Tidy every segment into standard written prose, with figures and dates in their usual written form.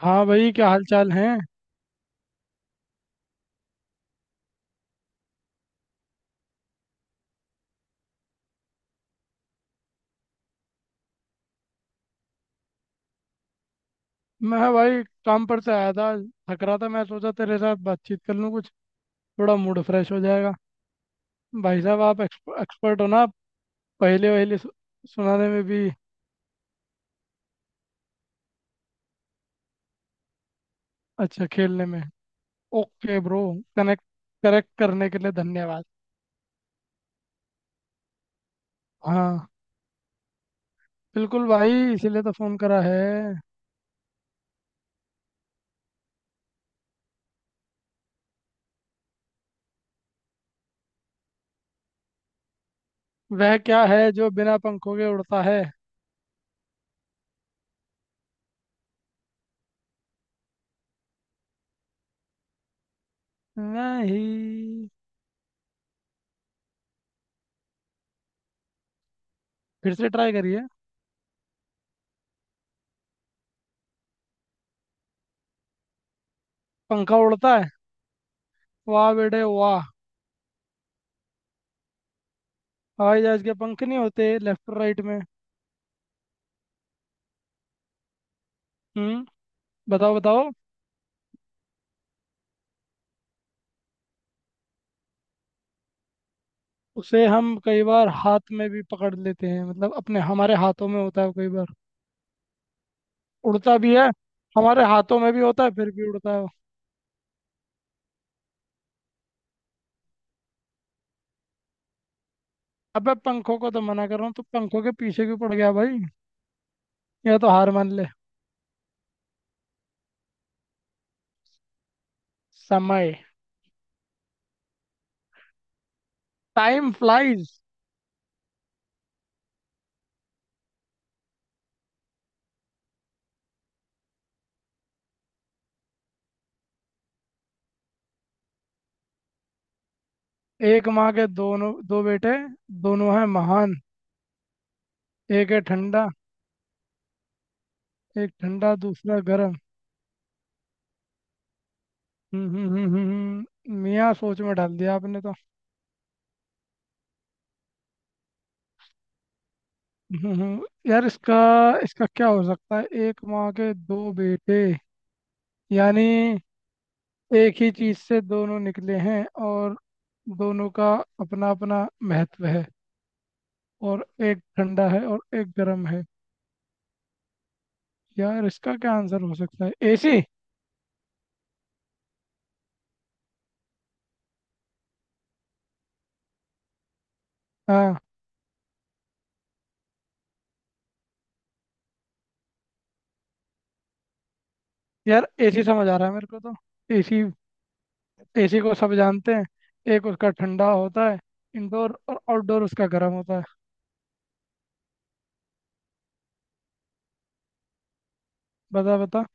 हाँ भाई, क्या हाल चाल है। मैं भाई काम पर से आया था। थक रहा था, मैं सोचा तेरे साथ बातचीत कर लूँ कुछ। थोड़ा मूड फ्रेश हो जाएगा। भाई साहब आप एक्सपर्ट हो ना आप, पहले वहले सुनाने में भी। अच्छा, खेलने में। Okay bro. कनेक्ट करेक्ट करने के लिए धन्यवाद। हाँ बिल्कुल भाई, इसीलिए तो फोन करा है। वह क्या है जो बिना पंखों के उड़ता है? नहीं। फिर से ट्राई करिए। पंखा उड़ता है? वाह बेटे वाह। हवाई जहाज के पंख नहीं होते लेफ्ट राइट में। हम्म। बताओ बताओ। उसे हम कई बार हाथ में भी पकड़ लेते हैं, मतलब अपने हमारे हाथों में होता है वो कई बार। उड़ता भी है। हमारे हाथों में भी होता है फिर भी उड़ता है वो। अबे पंखों को तो मना कर रहा हूँ तो पंखों के पीछे क्यों पड़ गया भाई। या तो हार मान ले। समय। Time flies. एक माँ के दोनों दो बेटे, दोनों हैं महान। एक है ठंडा एक ठंडा दूसरा गर्म। हम्म हम्म हम्म हम्म, मियाँ सोच में डाल दिया आपने तो। हम्म, हम्म। यार इसका इसका क्या हो सकता है, एक माँ के दो बेटे, यानी एक ही चीज से दोनों निकले हैं और दोनों का अपना अपना महत्व है। और एक ठंडा है और एक गर्म है। यार इसका क्या आंसर हो सकता है, एसी? हाँ। यार एसी समझ आ रहा है मेरे को तो। एसी। एसी को सब जानते हैं। एक उसका ठंडा होता है, इंडोर, और आउटडोर उसका गर्म होता है। बता बता।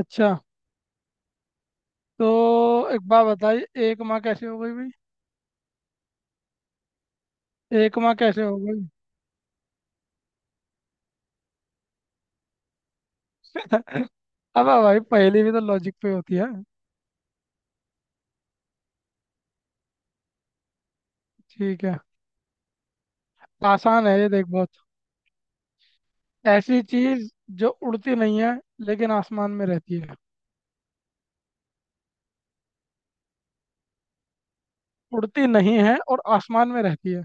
अच्छा। तो एक बात बताइए, एक माँ कैसे हो गई भाई। एक माह कैसे हो गई। अब भाई पहेली भी तो लॉजिक पे होती है। ठीक है। आसान है ये देख, बहुत। ऐसी चीज जो उड़ती नहीं है लेकिन आसमान में रहती है। उड़ती नहीं है और आसमान में रहती है।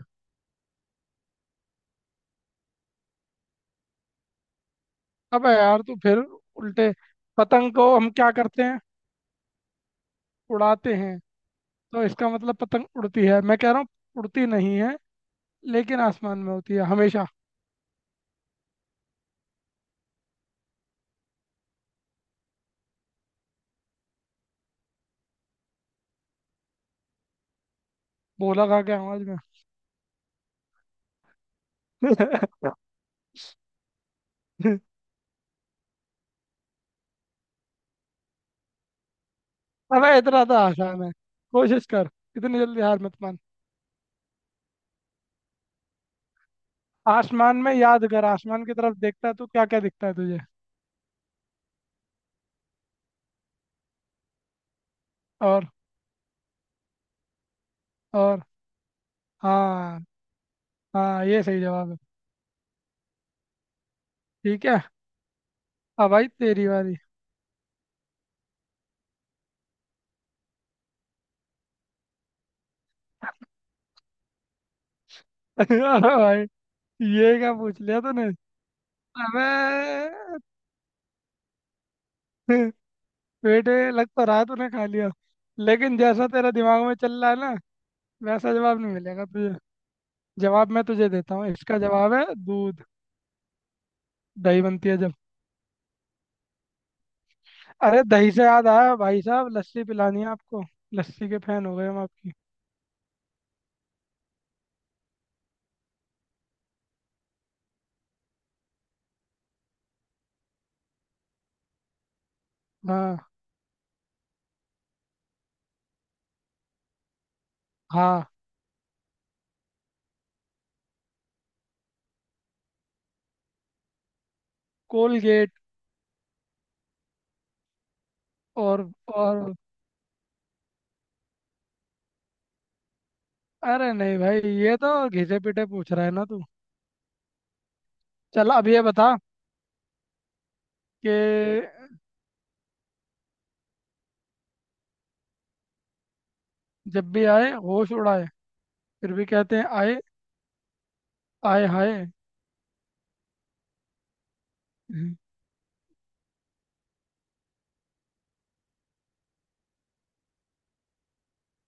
अब यार तू फिर उल्टे। पतंग को हम क्या करते हैं? उड़ाते हैं। तो इसका मतलब पतंग उड़ती है, मैं कह रहा हूँ उड़ती नहीं है लेकिन आसमान में होती है हमेशा। बोला खा के आवाज में। अबे इतना तो आसान है, कोशिश कर। इतनी जल्दी हार मत मान। आसमान में याद कर, आसमान की तरफ देखता है तो क्या क्या दिखता है तुझे? और। और। हाँ हाँ, ये सही जवाब है। ठीक है। अब भाई तेरी बारी। अरे भाई, ये क्या पूछ लिया तूने। अबे बेटे, लग तो रहा है तूने खा लिया। लेकिन जैसा तेरा दिमाग में चल रहा है ना, वैसा जवाब नहीं मिलेगा तुझे। जवाब मैं तुझे देता हूँ, इसका जवाब है दूध। दही बनती है जब। अरे दही से याद आया भाई साहब, लस्सी पिलानी है आपको। लस्सी के फैन हो गए हम आपकी। हाँ हाँ। कोलगेट। और और। अरे नहीं भाई, ये तो घिसे पीटे पूछ रहा है ना तू। चल अब ये बता कि जब भी आए होश उड़ाए, फिर भी कहते हैं आए। आए हाय। हम्म,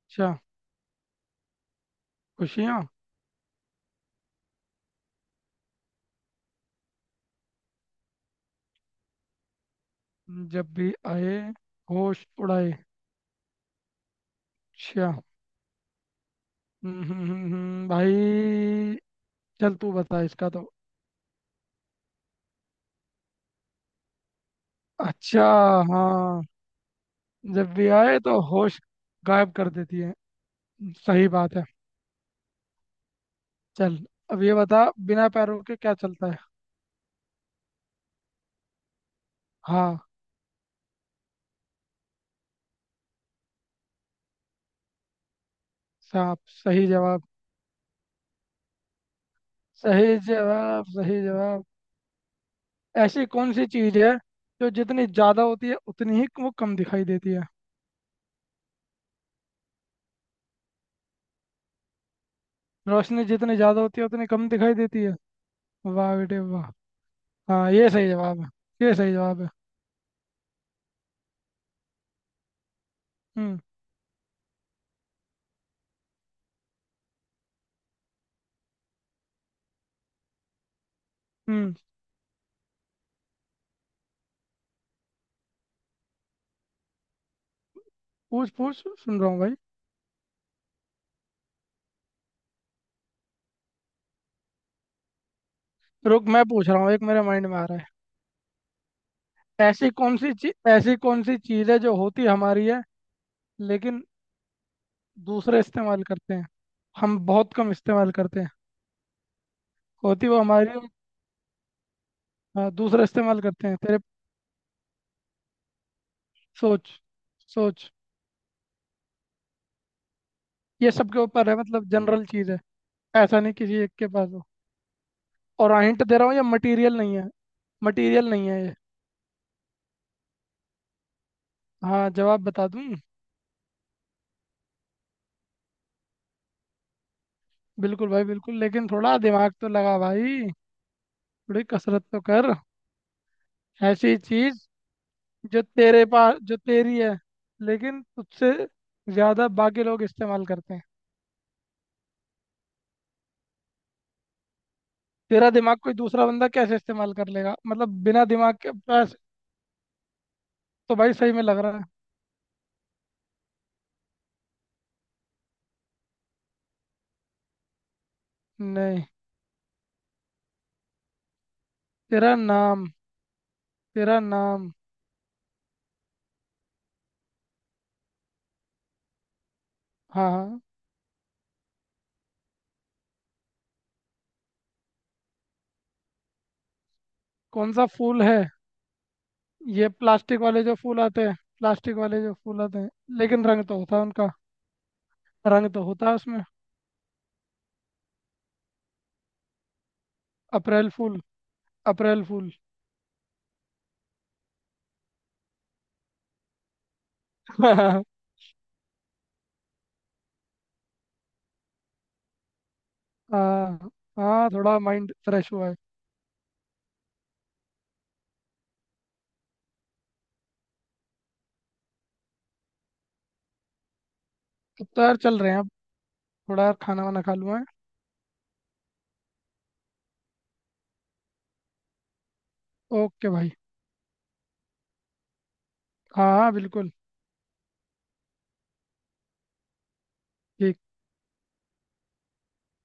अच्छा। खुशियाँ। जब भी आए होश उड़ाए। अच्छा। भाई। चल तू बता इसका तो। अच्छा। हाँ। जब भी आए तो होश गायब कर देती है। सही बात है। चल अब ये बता, बिना पैरों के क्या चलता है। हाँ। सांप, सही जवाब। सही जवाब, सही जवाब। ऐसी कौन सी चीज है जो जितनी ज्यादा होती है उतनी ही वो कम दिखाई देती है। रोशनी जितनी ज्यादा होती है उतनी कम दिखाई देती है। वाह बेटे वाह। हाँ ये सही जवाब है। ये सही जवाब है। हम्म। हम्म पूछ पूछ, सुन रहा हूँ भाई। रुक, मैं पूछ रहा हूँ, एक मेरे माइंड में आ रहा है। ऐसी कौन सी चीज है जो होती हमारी है, लेकिन दूसरे इस्तेमाल करते हैं। हम बहुत कम इस्तेमाल करते हैं। होती वो हमारी है, हाँ, दूसरा इस्तेमाल करते हैं तेरे। सोच सोच। ये सबके ऊपर है, मतलब जनरल चीज है। ऐसा नहीं किसी एक के पास हो। और हिंट दे रहा हूँ, ये मटेरियल नहीं है। मटेरियल नहीं है ये। हाँ, जवाब बता दूं। बिल्कुल भाई बिल्कुल, लेकिन थोड़ा दिमाग तो लगा भाई। थोड़ी कसरत तो कर। ऐसी चीज जो तेरे पास, जो तेरी है, लेकिन तुझसे ज्यादा बाकी लोग इस्तेमाल करते हैं। तेरा दिमाग कोई दूसरा बंदा कैसे इस्तेमाल कर लेगा, मतलब बिना दिमाग के पास। तो भाई, सही में लग रहा है। नहीं। तेरा नाम, तेरा नाम। हाँ हाँ। कौन सा फूल है? ये प्लास्टिक वाले जो फूल आते हैं। प्लास्टिक वाले जो फूल आते हैं। लेकिन रंग तो होता है उनका। रंग तो होता है उसमें। अप्रैल फूल। अप्रैल फूल। हाँ। हाँ, थोड़ा माइंड फ्रेश हुआ है। अब तो यार चल रहे हैं अब। थोड़ा यार खाना वाना खा लूँ। ओके भाई। हाँ हाँ बिल्कुल। ठीक।